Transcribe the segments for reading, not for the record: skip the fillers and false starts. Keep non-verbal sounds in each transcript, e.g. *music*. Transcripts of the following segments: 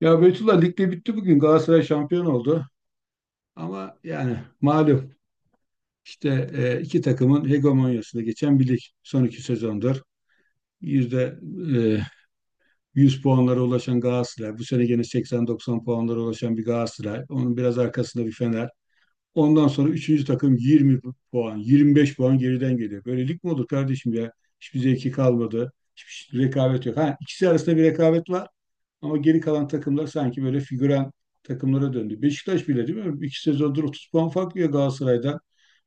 Ya Beytullah lig de bitti bugün. Galatasaray şampiyon oldu. Ama yani malum işte iki takımın hegemonyasında geçen bir lig son iki sezondur. Yüzde e, 100 puanlara ulaşan Galatasaray. Bu sene gene 80-90 puanlara ulaşan bir Galatasaray. Onun biraz arkasında bir Fener. Ondan sonra üçüncü takım 20 puan, 25 puan geriden geliyor. Böyle lig mi olur kardeşim ya? Hiçbir zevki kalmadı. Hiçbir rekabet yok. Ha, ikisi arasında bir rekabet var. Ama geri kalan takımlar sanki böyle figüren takımlara döndü. Beşiktaş bile değil mi? İki sezondur 30 puan fark ya Galatasaray'dan.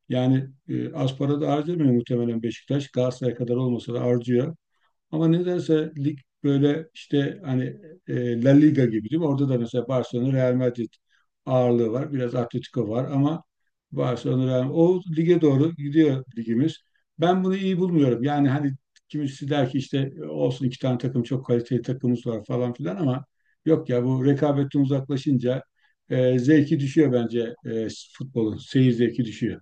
Yani az para da harcamıyor muhtemelen Beşiktaş. Galatasaray kadar olmasa da harcıyor. Ama nedense lig böyle işte hani La Liga gibi değil mi? Orada da mesela Barcelona Real Madrid ağırlığı var. Biraz Atletico var ama Barcelona Real o lige doğru gidiyor ligimiz. Ben bunu iyi bulmuyorum. Yani hani kimisi der ki işte olsun iki tane takım çok kaliteli takımımız var falan filan ama yok ya bu rekabetten uzaklaşınca zevki düşüyor bence futbolun. Seyir zevki düşüyor.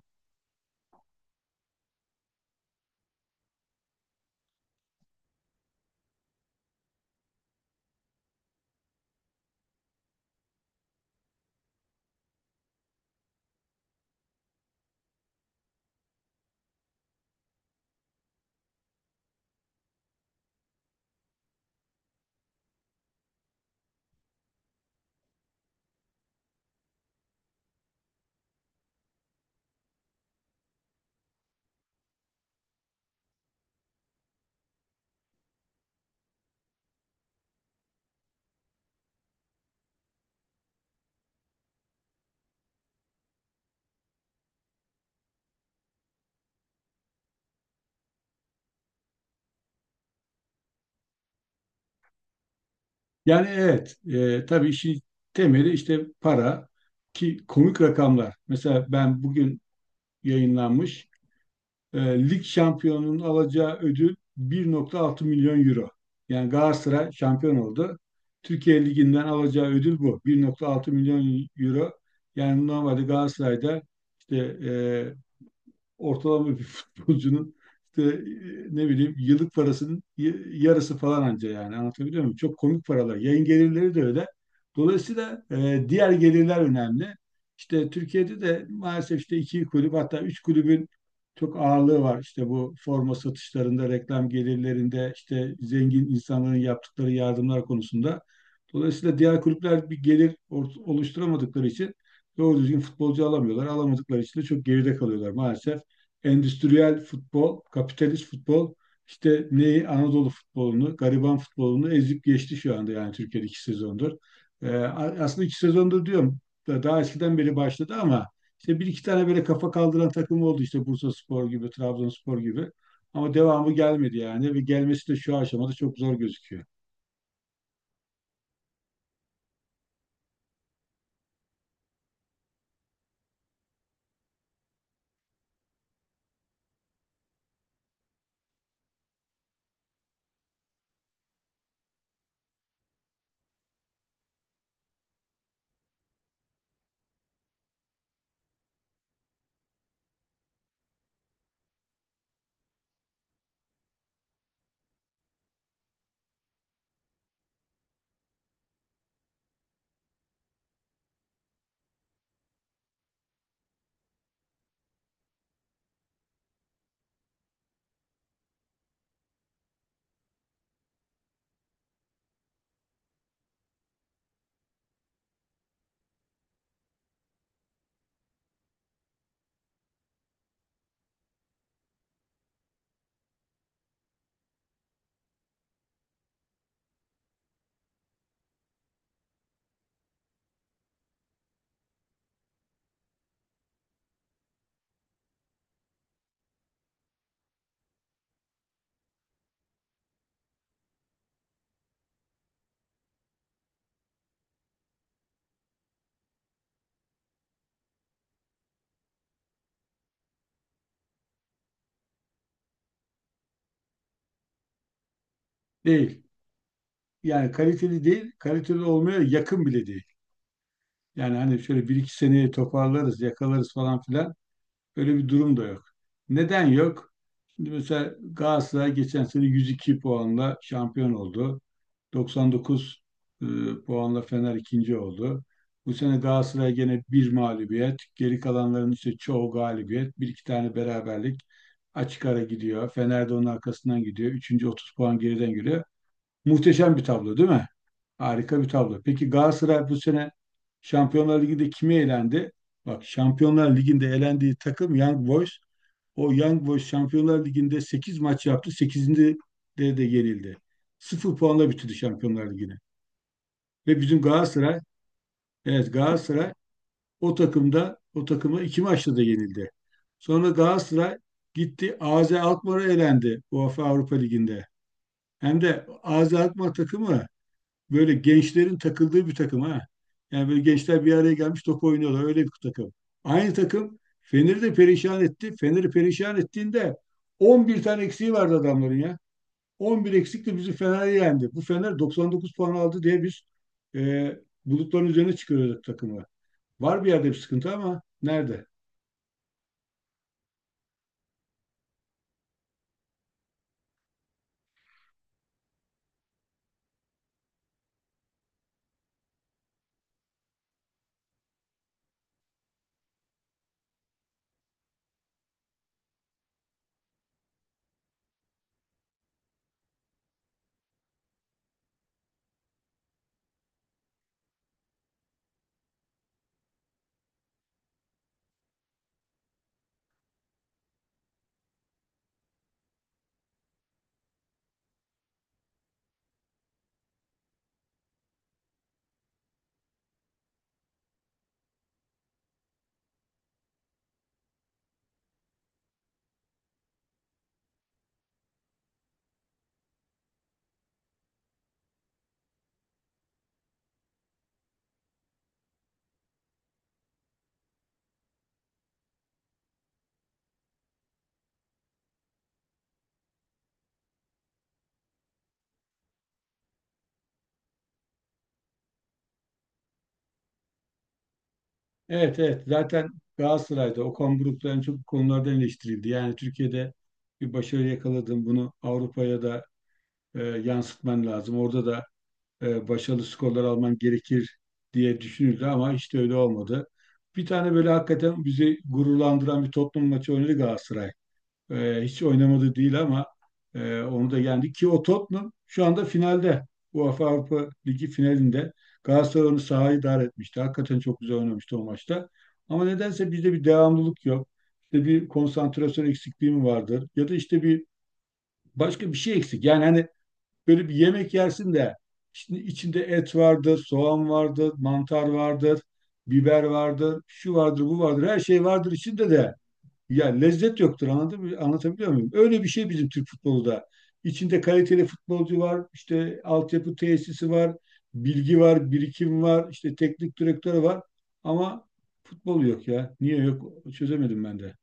Yani evet, tabii işin temeli işte para ki komik rakamlar. Mesela ben bugün yayınlanmış e, lig şampiyonunun alacağı ödül 1,6 milyon euro. Yani Galatasaray şampiyon oldu. Türkiye Ligi'nden alacağı ödül bu. 1,6 milyon euro. Yani normalde Galatasaray'da işte e, ortalama bir *laughs* futbolcunun işte ne bileyim yıllık parasının yarısı falan anca yani anlatabiliyor muyum? Çok komik paralar. Yayın gelirleri de öyle. Dolayısıyla diğer gelirler önemli. İşte Türkiye'de de maalesef işte iki kulüp hatta üç kulübün çok ağırlığı var. İşte bu forma satışlarında, reklam gelirlerinde, işte zengin insanların yaptıkları yardımlar konusunda. Dolayısıyla diğer kulüpler bir gelir oluşturamadıkları için doğru düzgün futbolcu alamıyorlar. Alamadıkları için de çok geride kalıyorlar maalesef endüstriyel futbol, kapitalist futbol işte neyi Anadolu futbolunu, gariban futbolunu ezip geçti şu anda yani Türkiye'de iki sezondur. Ee, Aslında iki sezondur diyorum. Daha eskiden beri başladı ama işte bir iki tane böyle kafa kaldıran takım oldu işte Bursaspor gibi, Trabzonspor gibi. Ama devamı gelmedi yani ve gelmesi de şu aşamada çok zor gözüküyor. Değil. Yani kaliteli değil, kaliteli olmaya yakın bile değil. Yani hani şöyle bir iki seneyi toparlarız, yakalarız falan filan. Öyle bir durum da yok. Neden yok? Şimdi mesela Galatasaray geçen sene 102 puanla şampiyon oldu. 99 e, puanla Fener ikinci oldu. Bu sene Galatasaray gene bir mağlubiyet. Geri kalanların işte çoğu galibiyet. Bir iki tane beraberlik. Açık ara gidiyor. Fener de onun arkasından gidiyor. Üçüncü 30 puan geriden giriyor. Muhteşem bir tablo değil mi? Harika bir tablo. Peki Galatasaray bu sene Şampiyonlar Ligi'nde kime elendi? Bak Şampiyonlar Ligi'nde elendiği takım Young Boys, o Young Boys Şampiyonlar Ligi'nde 8 maç yaptı. Sekizinde de yenildi. Sıfır puanla bitirdi Şampiyonlar Ligi'ni. Ve bizim Galatasaray, evet Galatasaray o takımda o takıma iki maçta da yenildi. Sonra Galatasaray gitti AZ Alkmaar'a elendi UEFA Avrupa Ligi'nde. Hem de AZ Alkmaar takımı böyle gençlerin takıldığı bir takım ha. Yani böyle gençler bir araya gelmiş top oynuyorlar öyle bir takım. Aynı takım Fener'i de perişan etti. Fener'i perişan ettiğinde 11 tane eksiği vardı adamların ya. 11 eksikle bizi Fener'i yendi. Bu Fener 99 puan aldı diye biz e, bulutların üzerine çıkıyoruz takımla. Var bir yerde bir sıkıntı ama nerede? Evet evet zaten Galatasaray'da Okan Buruk'ta en çok bu konulardan eleştirildi. Yani Türkiye'de bir başarı yakaladın bunu Avrupa'ya da yansıtman lazım. Orada da başarılı skorlar alman gerekir diye düşünüldü ama hiç de öyle olmadı. Bir tane böyle hakikaten bizi gururlandıran bir Tottenham maçı oynadı Galatasaray. Hiç oynamadı değil ama onu da yendi ki o Tottenham şu anda finalde. UEFA Avrupa Ligi finalinde Galatasaray onu sahaya idare etmişti. Hakikaten çok güzel oynamıştı o maçta. Ama nedense bizde bir devamlılık yok. İşte bir konsantrasyon eksikliği mi vardır? Ya da işte bir başka bir şey eksik. Yani hani böyle bir yemek yersin de şimdi içinde et vardır, soğan vardır, mantar vardır, biber vardır, şu vardır, bu vardır. Her şey vardır içinde de ya lezzet yoktur. Anladın mı? Anlatabiliyor muyum? Öyle bir şey bizim Türk futbolu da. İçinde kaliteli futbolcu var, işte altyapı tesisi var, bilgi var, birikim var, işte teknik direktörü var. Ama futbol yok ya. Niye yok? Çözemedim ben de.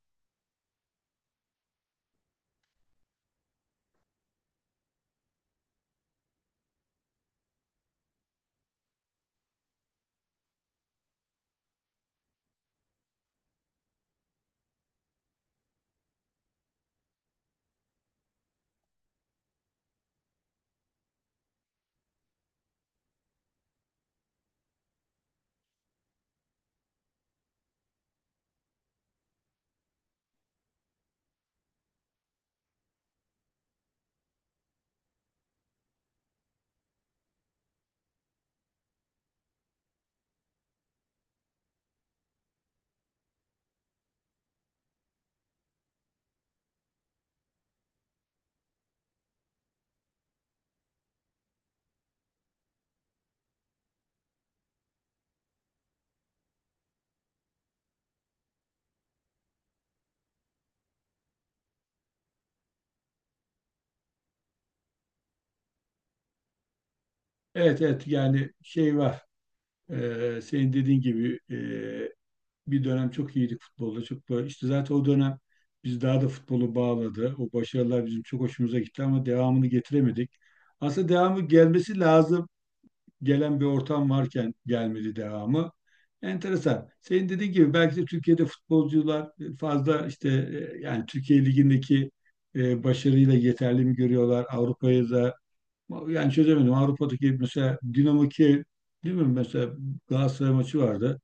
Evet evet yani şey var. Senin dediğin gibi bir dönem çok iyiydik futbolda. Çok böyle işte zaten o dönem biz daha da futbolu bağladı. O başarılar bizim çok hoşumuza gitti ama devamını getiremedik. Aslında devamı gelmesi lazım. Gelen bir ortam varken gelmedi devamı. Enteresan. Senin dediğin gibi belki de Türkiye'de futbolcular fazla işte yani Türkiye Ligi'ndeki başarıyla yeterli mi görüyorlar? Avrupa'ya da yani çözemedim. Avrupa'daki mesela Dinamo Kiev değil mi? Mesela Galatasaray maçı vardı.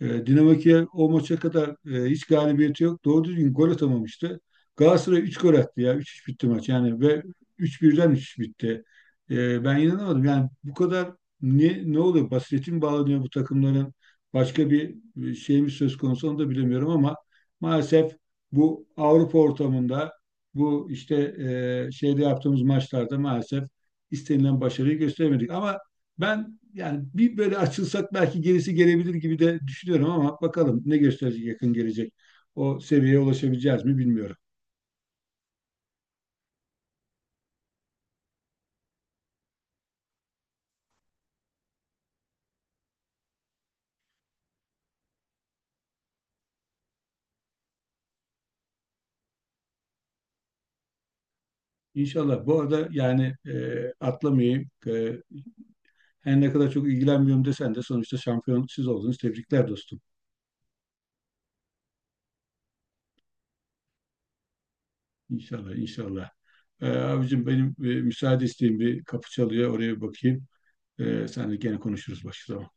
Dinamo Kiev o maça kadar hiç galibiyeti yok. Doğru düzgün gol atamamıştı. Galatasaray üç gol attı ya. Üç 3 bitti maç yani ve 3-1'den üç üç bitti. Ben inanamadım. Yani bu kadar ne oluyor? Basireti mi bağlanıyor bu takımların? Başka bir şey mi söz konusu onu da bilemiyorum ama maalesef bu Avrupa ortamında bu işte şeyde yaptığımız maçlarda maalesef istenilen başarıyı gösteremedik. Ama ben yani bir böyle açılsak belki gerisi gelebilir gibi de düşünüyorum ama bakalım ne gösterecek yakın gelecek. O seviyeye ulaşabileceğiz mi bilmiyorum. İnşallah. Bu arada yani atlamayayım. Her ne kadar çok ilgilenmiyorum desen de sonuçta şampiyon siz oldunuz. Tebrikler dostum. İnşallah, inşallah. Abicim benim müsaade isteyeyim bir kapı çalıyor. Oraya bir bakayım. Sen de gene konuşuruz başka zaman.